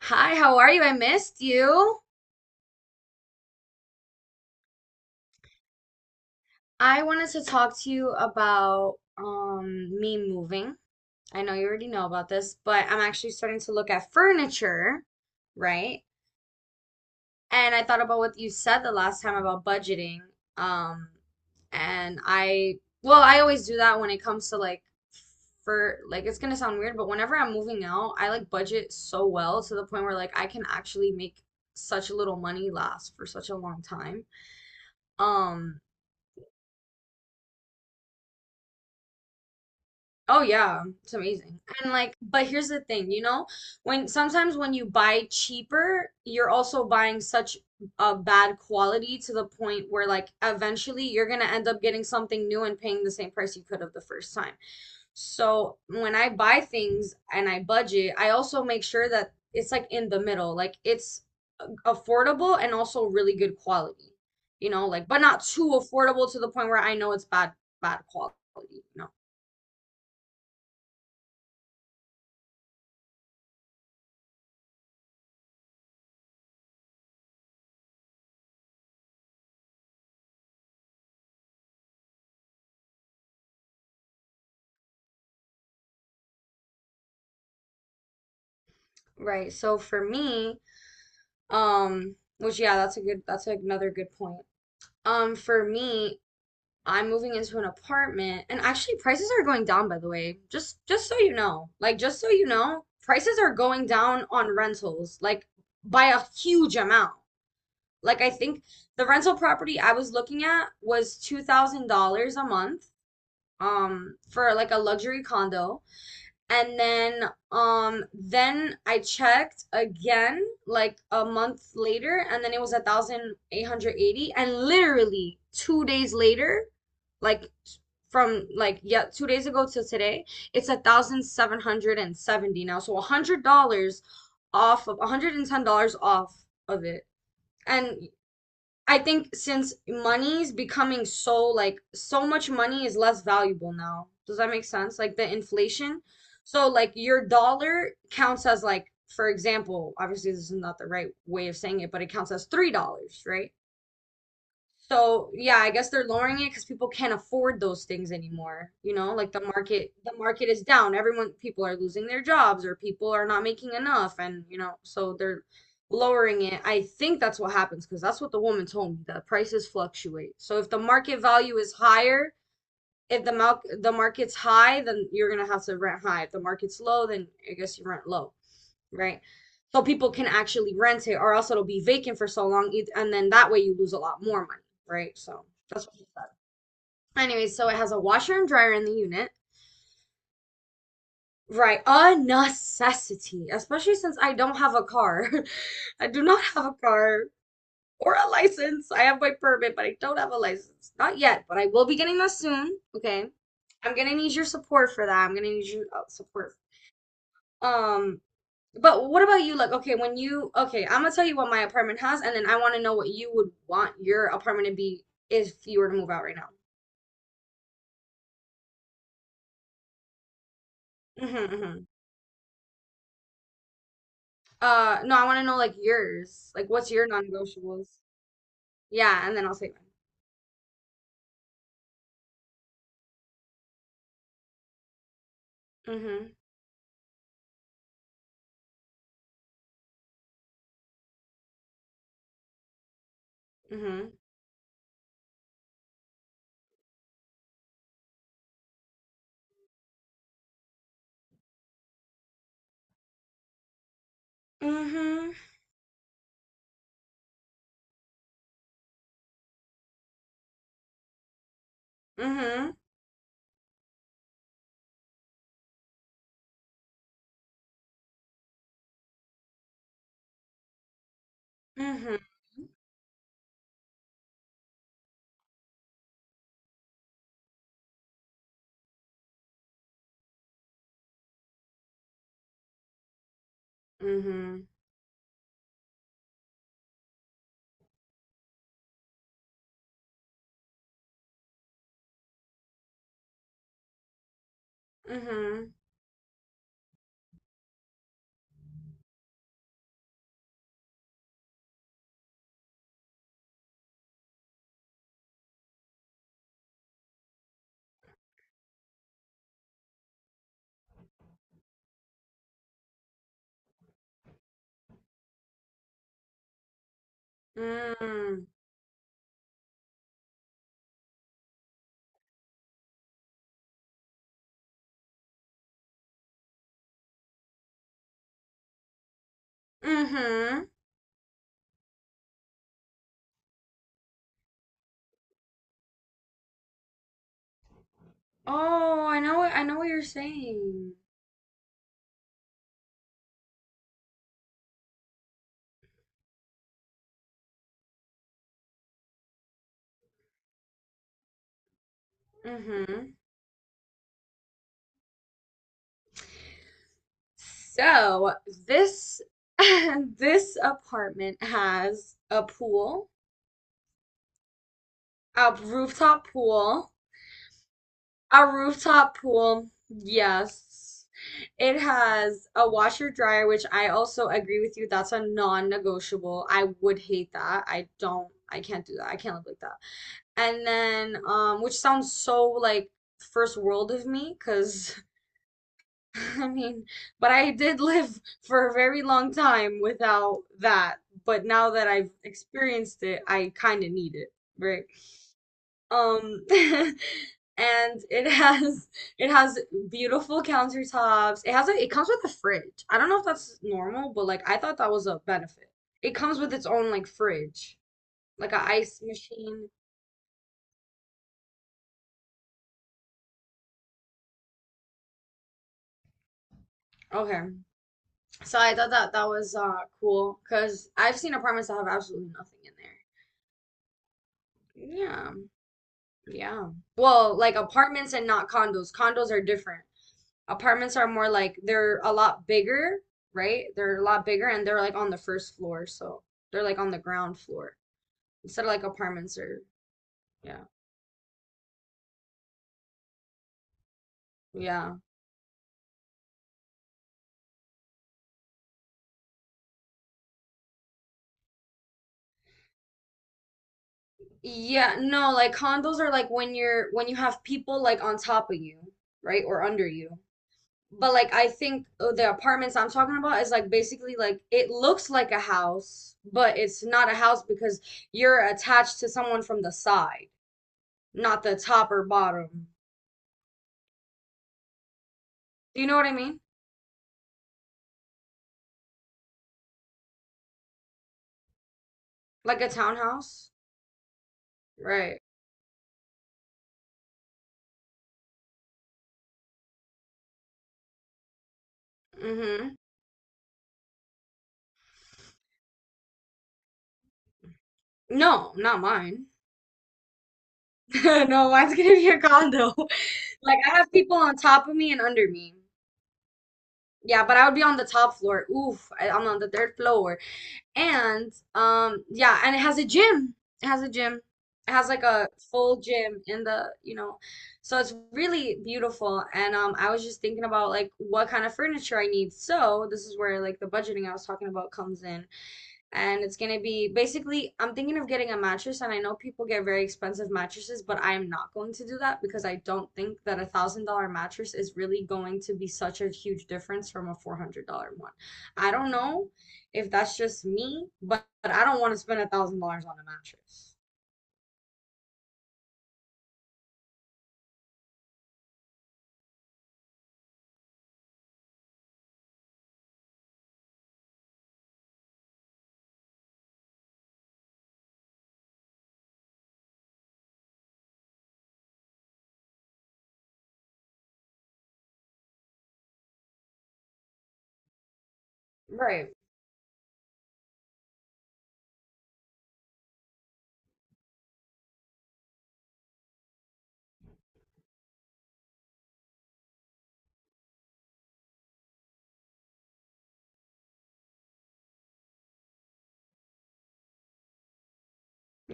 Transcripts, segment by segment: Hi, how are you? I missed you. I wanted to talk to you about me moving. I know you already know about this, but I'm actually starting to look at furniture, right? And I thought about what you said the last time about budgeting. Um, and I, well, I always do that when it comes to like for like it's gonna sound weird, but whenever I'm moving out, I like budget so well to the point where like I can actually make such little money last for such a long time. Um Oh yeah, it's amazing. And like, but here's the thing, when sometimes when you buy cheaper, you're also buying such a bad quality to the point where like eventually you're gonna end up getting something new and paying the same price you could have the first time. So when I buy things and I budget, I also make sure that it's like in the middle, like it's affordable and also really good quality, you know, like but not too affordable to the point where I know it's bad quality, you know. Right. So for me, which yeah, that's a good that's another good point. For me, I'm moving into an apartment and actually prices are going down by the way. Just so you know. Like just so you know, prices are going down on rentals like by a huge amount. Like I think the rental property I was looking at was $2,000 a month for like a luxury condo. And then I checked again like a month later and then it was 1,880 and literally 2 days later, like from like yeah, 2 days ago to today, it's 1,770 now. So $100 off of $110 off of it. And I think since money is becoming so like so much money is less valuable now. Does that make sense? Like the inflation. So like your dollar counts as like for example, obviously this is not the right way of saying it, but it counts as $3, right? So yeah, I guess they're lowering it because people can't afford those things anymore. You know, like the market is down. Everyone, people are losing their jobs or people are not making enough, and you know, so they're lowering it. I think that's what happens because that's what the woman told me. The prices fluctuate. So if the market value is higher, if the mal the market's high, then you're gonna have to rent high. If the market's low, then I guess you rent low, right? So people can actually rent it, or else it'll be vacant for so long, and then that way you lose a lot more money, right? So that's what she said. Anyways, so it has a washer and dryer in the unit. Right, a necessity, especially since I don't have a car. I do not have a car or a license. I have my permit, but I don't have a license. Not yet, but I will be getting that soon. Okay. I'm gonna need your support for that. I'm gonna need your support. Um, But what about you? Like, okay, okay, I'm gonna tell you what my apartment has, and then I want to know what you would want your apartment to be if you were to move out right now. hmm hmm no, I want to know like yours. Like, what's your non-negotiables? Yeah, and then I'll say mine. hmm hmm hmm hmm hmm Mm-hmm. Mm-hmm. Mm-hmm. Mm-hmm. Oh, I know what you're saying. Mm-hmm. So this this apartment has a pool, a rooftop pool, a rooftop pool. Yes. It has a washer dryer, which I also agree with you. That's a non-negotiable. I would hate that. I can't do that. I can't live like that. And then, which sounds so like first world of me, because I mean, but I did live for a very long time without that. But now that I've experienced it, I kind of need it, right? And it has beautiful countertops. It has a it comes with a fridge. I don't know if that's normal, but like I thought that was a benefit. It comes with its own like fridge, like a ice machine. Okay. So I thought that that was cool because I've seen apartments that have absolutely nothing in there. Yeah, Yeah. Well, like apartments and not condos. Condos are different. Apartments are more like they're a lot bigger, right? They're a lot bigger and they're like on the first floor, so they're like on the ground floor. Instead of like apartments are yeah. Yeah. Yeah, no, like condos are like when you have people like on top of you, right? Or under you. But like I think the apartments I'm talking about is like basically like it looks like a house, but it's not a house because you're attached to someone from the side, not the top or bottom. Do you know what I mean? Like a townhouse? Right. Mm-hmm. No, not mine. No, mine's gonna be a condo. Like I have people on top of me and under me. Yeah, but I would be on the top floor. Oof, I'm on the 3rd floor. And yeah, and it has a gym. It has like a full gym in the, you know. So it's really beautiful. And I was just thinking about like what kind of furniture I need. So this is where like the budgeting I was talking about comes in and it's gonna be basically I'm thinking of getting a mattress and I know people get very expensive mattresses, but I am not going to do that because I don't think that $1,000 mattress is really going to be such a huge difference from a $400 one. I don't know if that's just me, but I don't want to spend $1,000 on a mattress. Right.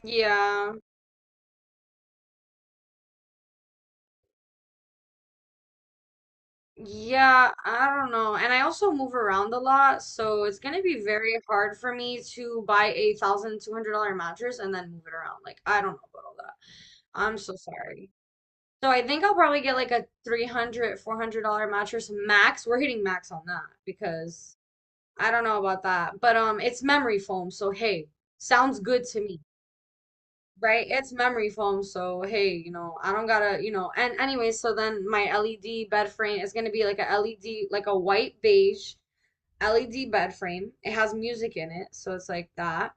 Yeah. Yeah, I don't know. And I also move around a lot, so it's gonna be very hard for me to buy $1,200 mattress and then move it around. Like I don't know about all that. I'm so sorry. So I think I'll probably get like a 300, $400 mattress max. We're hitting max on that because I don't know about that. But it's memory foam, so hey, sounds good to me, right? It's memory foam, so hey, you know, I don't gotta, you know. And anyway, so then my LED bed frame is gonna be like a LED, like a white beige LED bed frame. It has music in it, so it's like that.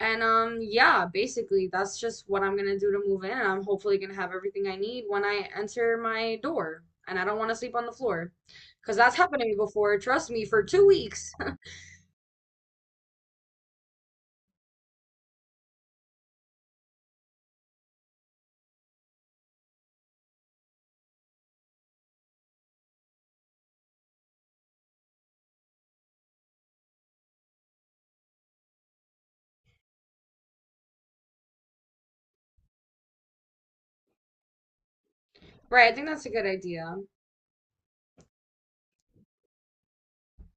And yeah, basically that's just what I'm gonna do to move in and I'm hopefully gonna have everything I need when I enter my door. And I don't want to sleep on the floor because that's happened to me before. Trust me, for 2 weeks. Right, I think that's a good idea.